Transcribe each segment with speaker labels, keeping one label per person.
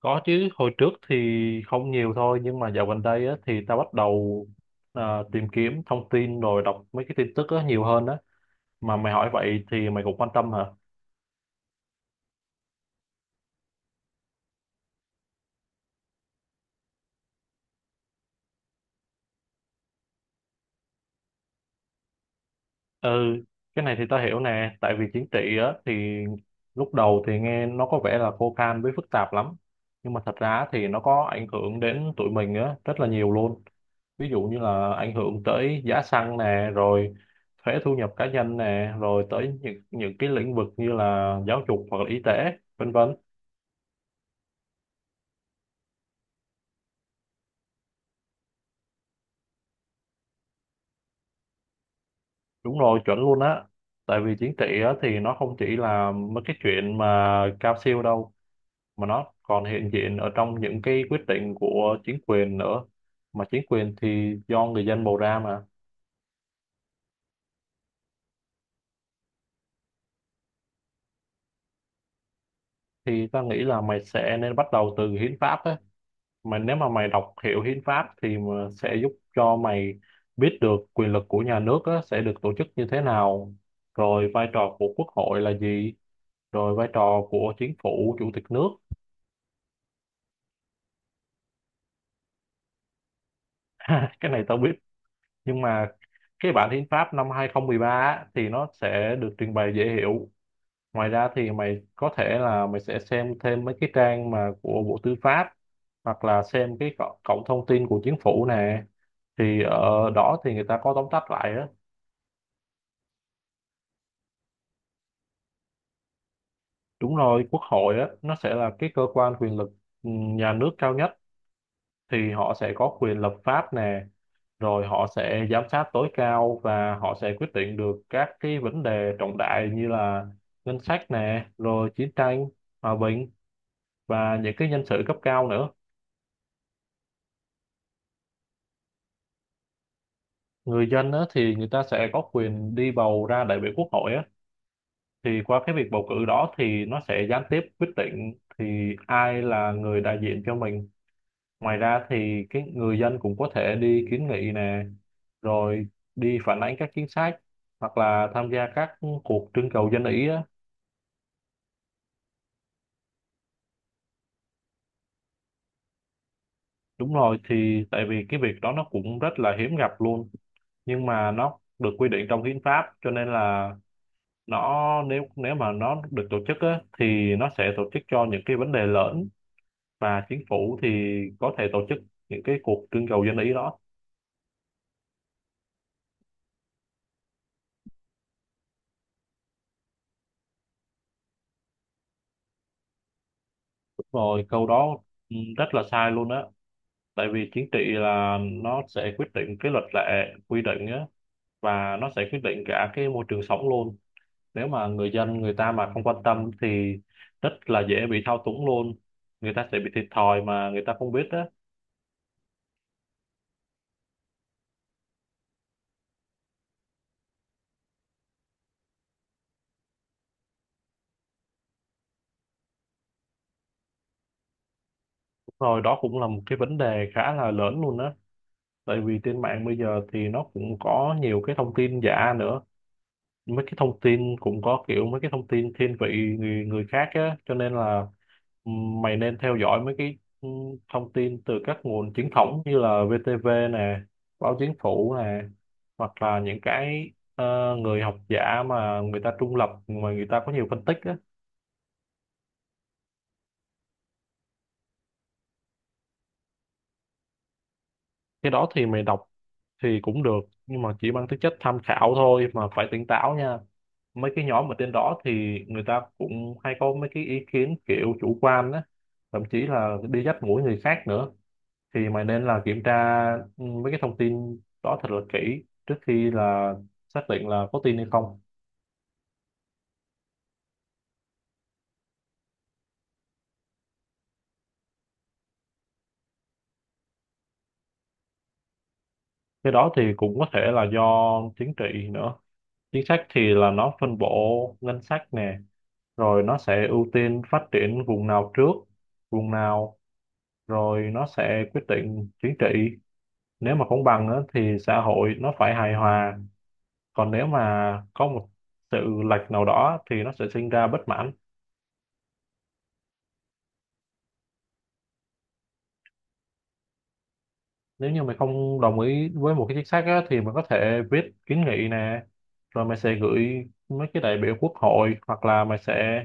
Speaker 1: Có chứ, hồi trước thì không nhiều thôi, nhưng mà dạo gần đây á, thì tao bắt đầu tìm kiếm thông tin rồi đọc mấy cái tin tức á, nhiều hơn á. Mà mày hỏi vậy thì mày cũng quan tâm hả? Ừ, cái này thì tao hiểu nè, tại vì chính trị á, thì lúc đầu thì nghe nó có vẻ là khô khan với phức tạp lắm. Nhưng mà thật ra thì nó có ảnh hưởng đến tụi mình á, rất là nhiều luôn. Ví dụ như là ảnh hưởng tới giá xăng nè, rồi thuế thu nhập cá nhân nè, rồi tới những cái lĩnh vực như là giáo dục hoặc là y tế, vân vân. Đúng rồi, chuẩn luôn á. Tại vì chính trị á, thì nó không chỉ là mấy cái chuyện mà cao siêu đâu, mà nó còn hiện diện ở trong những cái quyết định của chính quyền nữa, mà chính quyền thì do người dân bầu ra mà. Thì ta nghĩ là mày sẽ nên bắt đầu từ hiến pháp á. Mà nếu mà mày đọc hiểu hiến pháp thì mà sẽ giúp cho mày biết được quyền lực của nhà nước á, sẽ được tổ chức như thế nào, rồi vai trò của quốc hội là gì, rồi vai trò của chính phủ, chủ tịch nước. Cái này tao biết, nhưng mà cái bản hiến pháp năm 2013 á, thì nó sẽ được trình bày dễ hiểu. Ngoài ra thì mày có thể là mày sẽ xem thêm mấy cái trang mà của Bộ Tư pháp, hoặc là xem cái cổng cổng thông tin của chính phủ nè, thì ở đó thì người ta có tóm tắt lại á. Đúng rồi, quốc hội á, nó sẽ là cái cơ quan quyền lực nhà nước cao nhất. Thì họ sẽ có quyền lập pháp nè, rồi họ sẽ giám sát tối cao và họ sẽ quyết định được các cái vấn đề trọng đại như là ngân sách nè, rồi chiến tranh, hòa bình và những cái nhân sự cấp cao nữa. Người dân á, thì người ta sẽ có quyền đi bầu ra đại biểu quốc hội á, thì qua cái việc bầu cử đó thì nó sẽ gián tiếp quyết định thì ai là người đại diện cho mình. Ngoài ra thì cái người dân cũng có thể đi kiến nghị nè, rồi đi phản ánh các chính sách hoặc là tham gia các cuộc trưng cầu dân ý á. Đúng rồi, thì tại vì cái việc đó nó cũng rất là hiếm gặp luôn, nhưng mà nó được quy định trong hiến pháp, cho nên là nó nếu nếu mà nó được tổ chức á, thì nó sẽ tổ chức cho những cái vấn đề lớn, và chính phủ thì có thể tổ chức những cái cuộc trưng cầu dân ý đó. Đúng rồi, câu đó rất là sai luôn á. Tại vì chính trị là nó sẽ quyết định cái luật lệ, quy định á, và nó sẽ quyết định cả cái môi trường sống luôn. Nếu mà người dân người ta mà không quan tâm thì rất là dễ bị thao túng luôn, người ta sẽ bị thiệt thòi mà người ta không biết á. Rồi đó cũng là một cái vấn đề khá là lớn luôn á. Tại vì trên mạng bây giờ thì nó cũng có nhiều cái thông tin giả nữa, mấy cái thông tin cũng có kiểu mấy cái thông tin thiên vị người người khác á, cho nên là mày nên theo dõi mấy cái thông tin từ các nguồn chính thống như là VTV nè, báo chính phủ nè, hoặc là những cái người học giả mà người ta trung lập mà người ta có nhiều phân tích á. Cái đó thì mày đọc thì cũng được, nhưng mà chỉ mang tính chất tham khảo thôi, mà phải tỉnh táo nha. Mấy cái nhóm ở trên đó thì người ta cũng hay có mấy cái ý kiến kiểu chủ quan á, thậm chí là đi dắt mũi người khác nữa. Thì mày nên là kiểm tra mấy cái thông tin đó thật là kỹ trước khi là xác định là có tin hay không. Cái đó thì cũng có thể là do chính trị nữa. Chính sách thì là nó phân bổ ngân sách nè, rồi nó sẽ ưu tiên phát triển vùng nào trước, vùng nào, rồi nó sẽ quyết định chính trị. Nếu mà công bằng á, thì xã hội nó phải hài hòa, còn nếu mà có một sự lệch nào đó thì nó sẽ sinh ra bất mãn. Nếu như mày không đồng ý với một cái chính sách á, thì mày có thể viết kiến nghị nè, rồi mày sẽ gửi mấy cái đại biểu quốc hội, hoặc là mày sẽ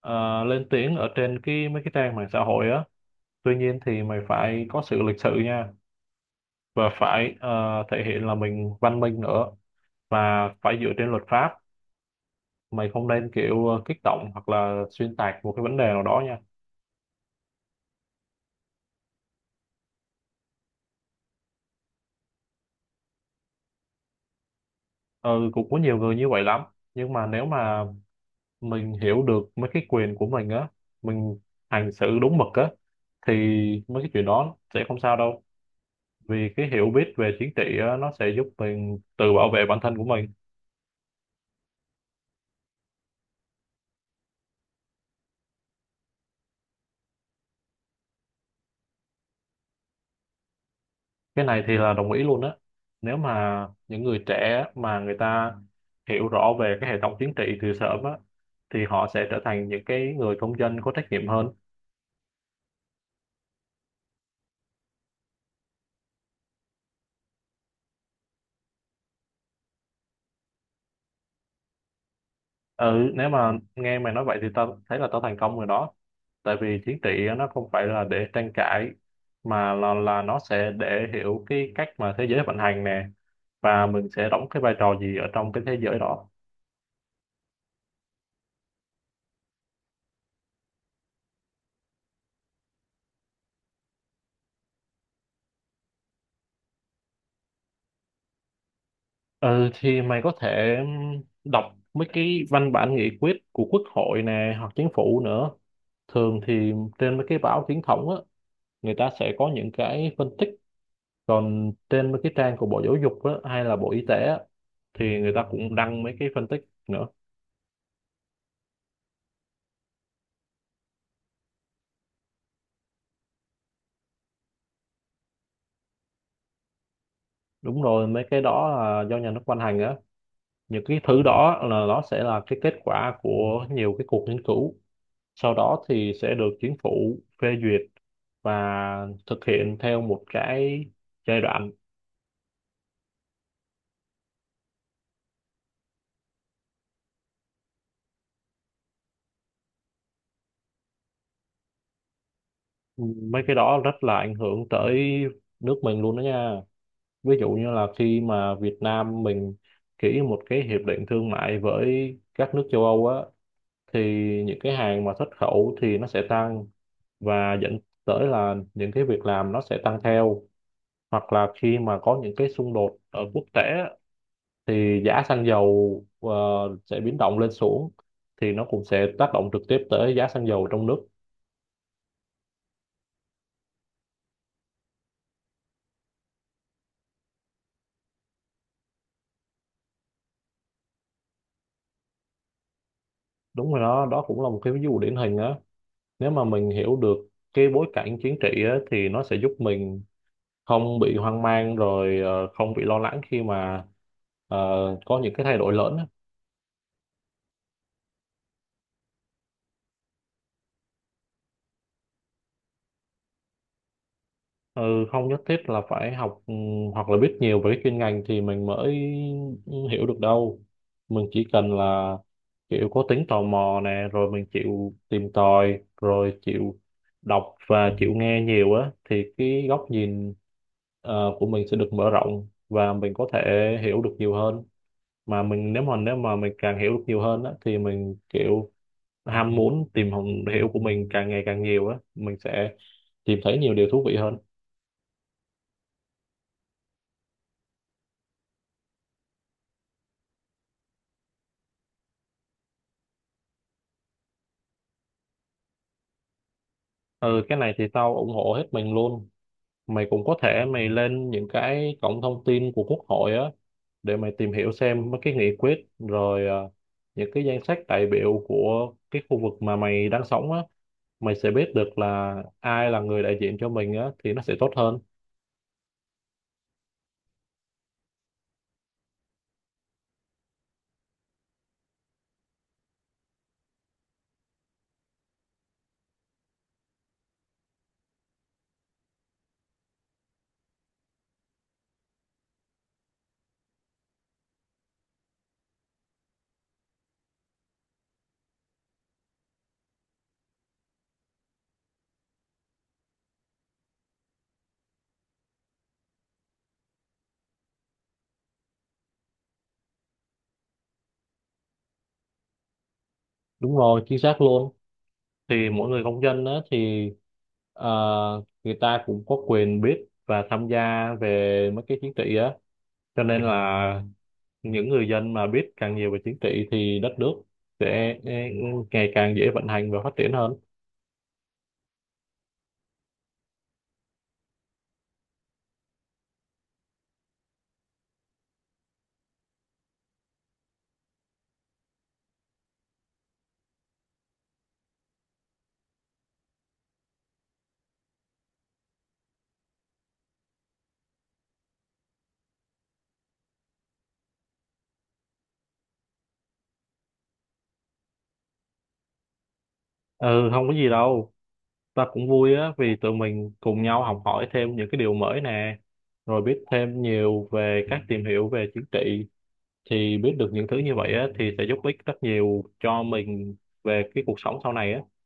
Speaker 1: lên tiếng ở trên cái mấy cái trang mạng xã hội á. Tuy nhiên thì mày phải có sự lịch sự nha, và phải thể hiện là mình văn minh nữa, và phải dựa trên luật pháp. Mày không nên kiểu kích động hoặc là xuyên tạc một cái vấn đề nào đó nha. Ừ, cũng có nhiều người như vậy lắm, nhưng mà nếu mà mình hiểu được mấy cái quyền của mình á, mình hành xử đúng mực á, thì mấy cái chuyện đó sẽ không sao đâu, vì cái hiểu biết về chính trị á, nó sẽ giúp mình tự bảo vệ bản thân của mình. Cái này thì là đồng ý luôn á. Nếu mà những người trẻ mà người ta hiểu rõ về cái hệ thống chính trị từ sớm á, thì họ sẽ trở thành những cái người công dân có trách nhiệm hơn. Ừ, nếu mà nghe mày nói vậy thì tao thấy là tao thành công rồi đó. Tại vì chính trị nó không phải là để tranh cãi, mà là nó sẽ để hiểu cái cách mà thế giới vận hành nè, và mình sẽ đóng cái vai trò gì ở trong cái thế giới đó. Ừ, thì mày có thể đọc mấy cái văn bản nghị quyết của quốc hội nè, hoặc chính phủ nữa. Thường thì trên mấy cái báo chính thống á, người ta sẽ có những cái phân tích. Còn trên mấy cái trang của Bộ Giáo dục á, hay là Bộ Y tế á, thì người ta cũng đăng mấy cái phân tích nữa. Đúng rồi, mấy cái đó là do nhà nước ban hành á. Những cái thứ đó là nó sẽ là cái kết quả của nhiều cái cuộc nghiên cứu, sau đó thì sẽ được chính phủ phê duyệt và thực hiện theo một cái giai đoạn. Mấy cái đó rất là ảnh hưởng tới nước mình luôn đó nha. Ví dụ như là khi mà Việt Nam mình ký một cái hiệp định thương mại với các nước châu Âu á, thì những cái hàng mà xuất khẩu thì nó sẽ tăng, và dẫn tới là những cái việc làm nó sẽ tăng theo. Hoặc là khi mà có những cái xung đột ở quốc tế á, thì giá xăng dầu sẽ biến động lên xuống, thì nó cũng sẽ tác động trực tiếp tới giá xăng dầu trong nước. Đúng rồi, đó đó cũng là một cái ví dụ điển hình á. Nếu mà mình hiểu được cái bối cảnh chính trị á, thì nó sẽ giúp mình không bị hoang mang, rồi không bị lo lắng khi mà ờ, có những cái thay đổi lớn á. Ừ, không nhất thiết là phải học hoặc là biết nhiều về cái chuyên ngành thì mình mới hiểu được đâu. Mình chỉ cần là kiểu có tính tò mò nè, rồi mình chịu tìm tòi, rồi chịu đọc và chịu nghe nhiều á, thì cái góc nhìn của mình sẽ được mở rộng và mình có thể hiểu được nhiều hơn. Mà mình nếu mà mình càng hiểu được nhiều hơn á thì mình kiểu ham muốn tìm hiểu của mình càng ngày càng nhiều á, mình sẽ tìm thấy nhiều điều thú vị hơn. Ừ, cái này thì tao ủng hộ hết mình luôn. Mày cũng có thể mày lên những cái cổng thông tin của Quốc hội á, để mày tìm hiểu xem mấy cái nghị quyết, rồi những cái danh sách đại biểu của cái khu vực mà mày đang sống á, mày sẽ biết được là ai là người đại diện cho mình á, thì nó sẽ tốt hơn. Đúng rồi, chính xác luôn. Thì mỗi người công dân á thì ờ, người ta cũng có quyền biết và tham gia về mấy cái chính trị á, cho nên là những người dân mà biết càng nhiều về chính trị thì đất nước sẽ ngày càng dễ vận hành và phát triển hơn. Ừ, không có gì đâu. Ta cũng vui á, vì tụi mình cùng nhau học hỏi thêm những cái điều mới nè, rồi biết thêm nhiều về các tìm hiểu về chính trị. Thì biết được những thứ như vậy á thì sẽ giúp ích rất nhiều cho mình về cái cuộc sống sau này á.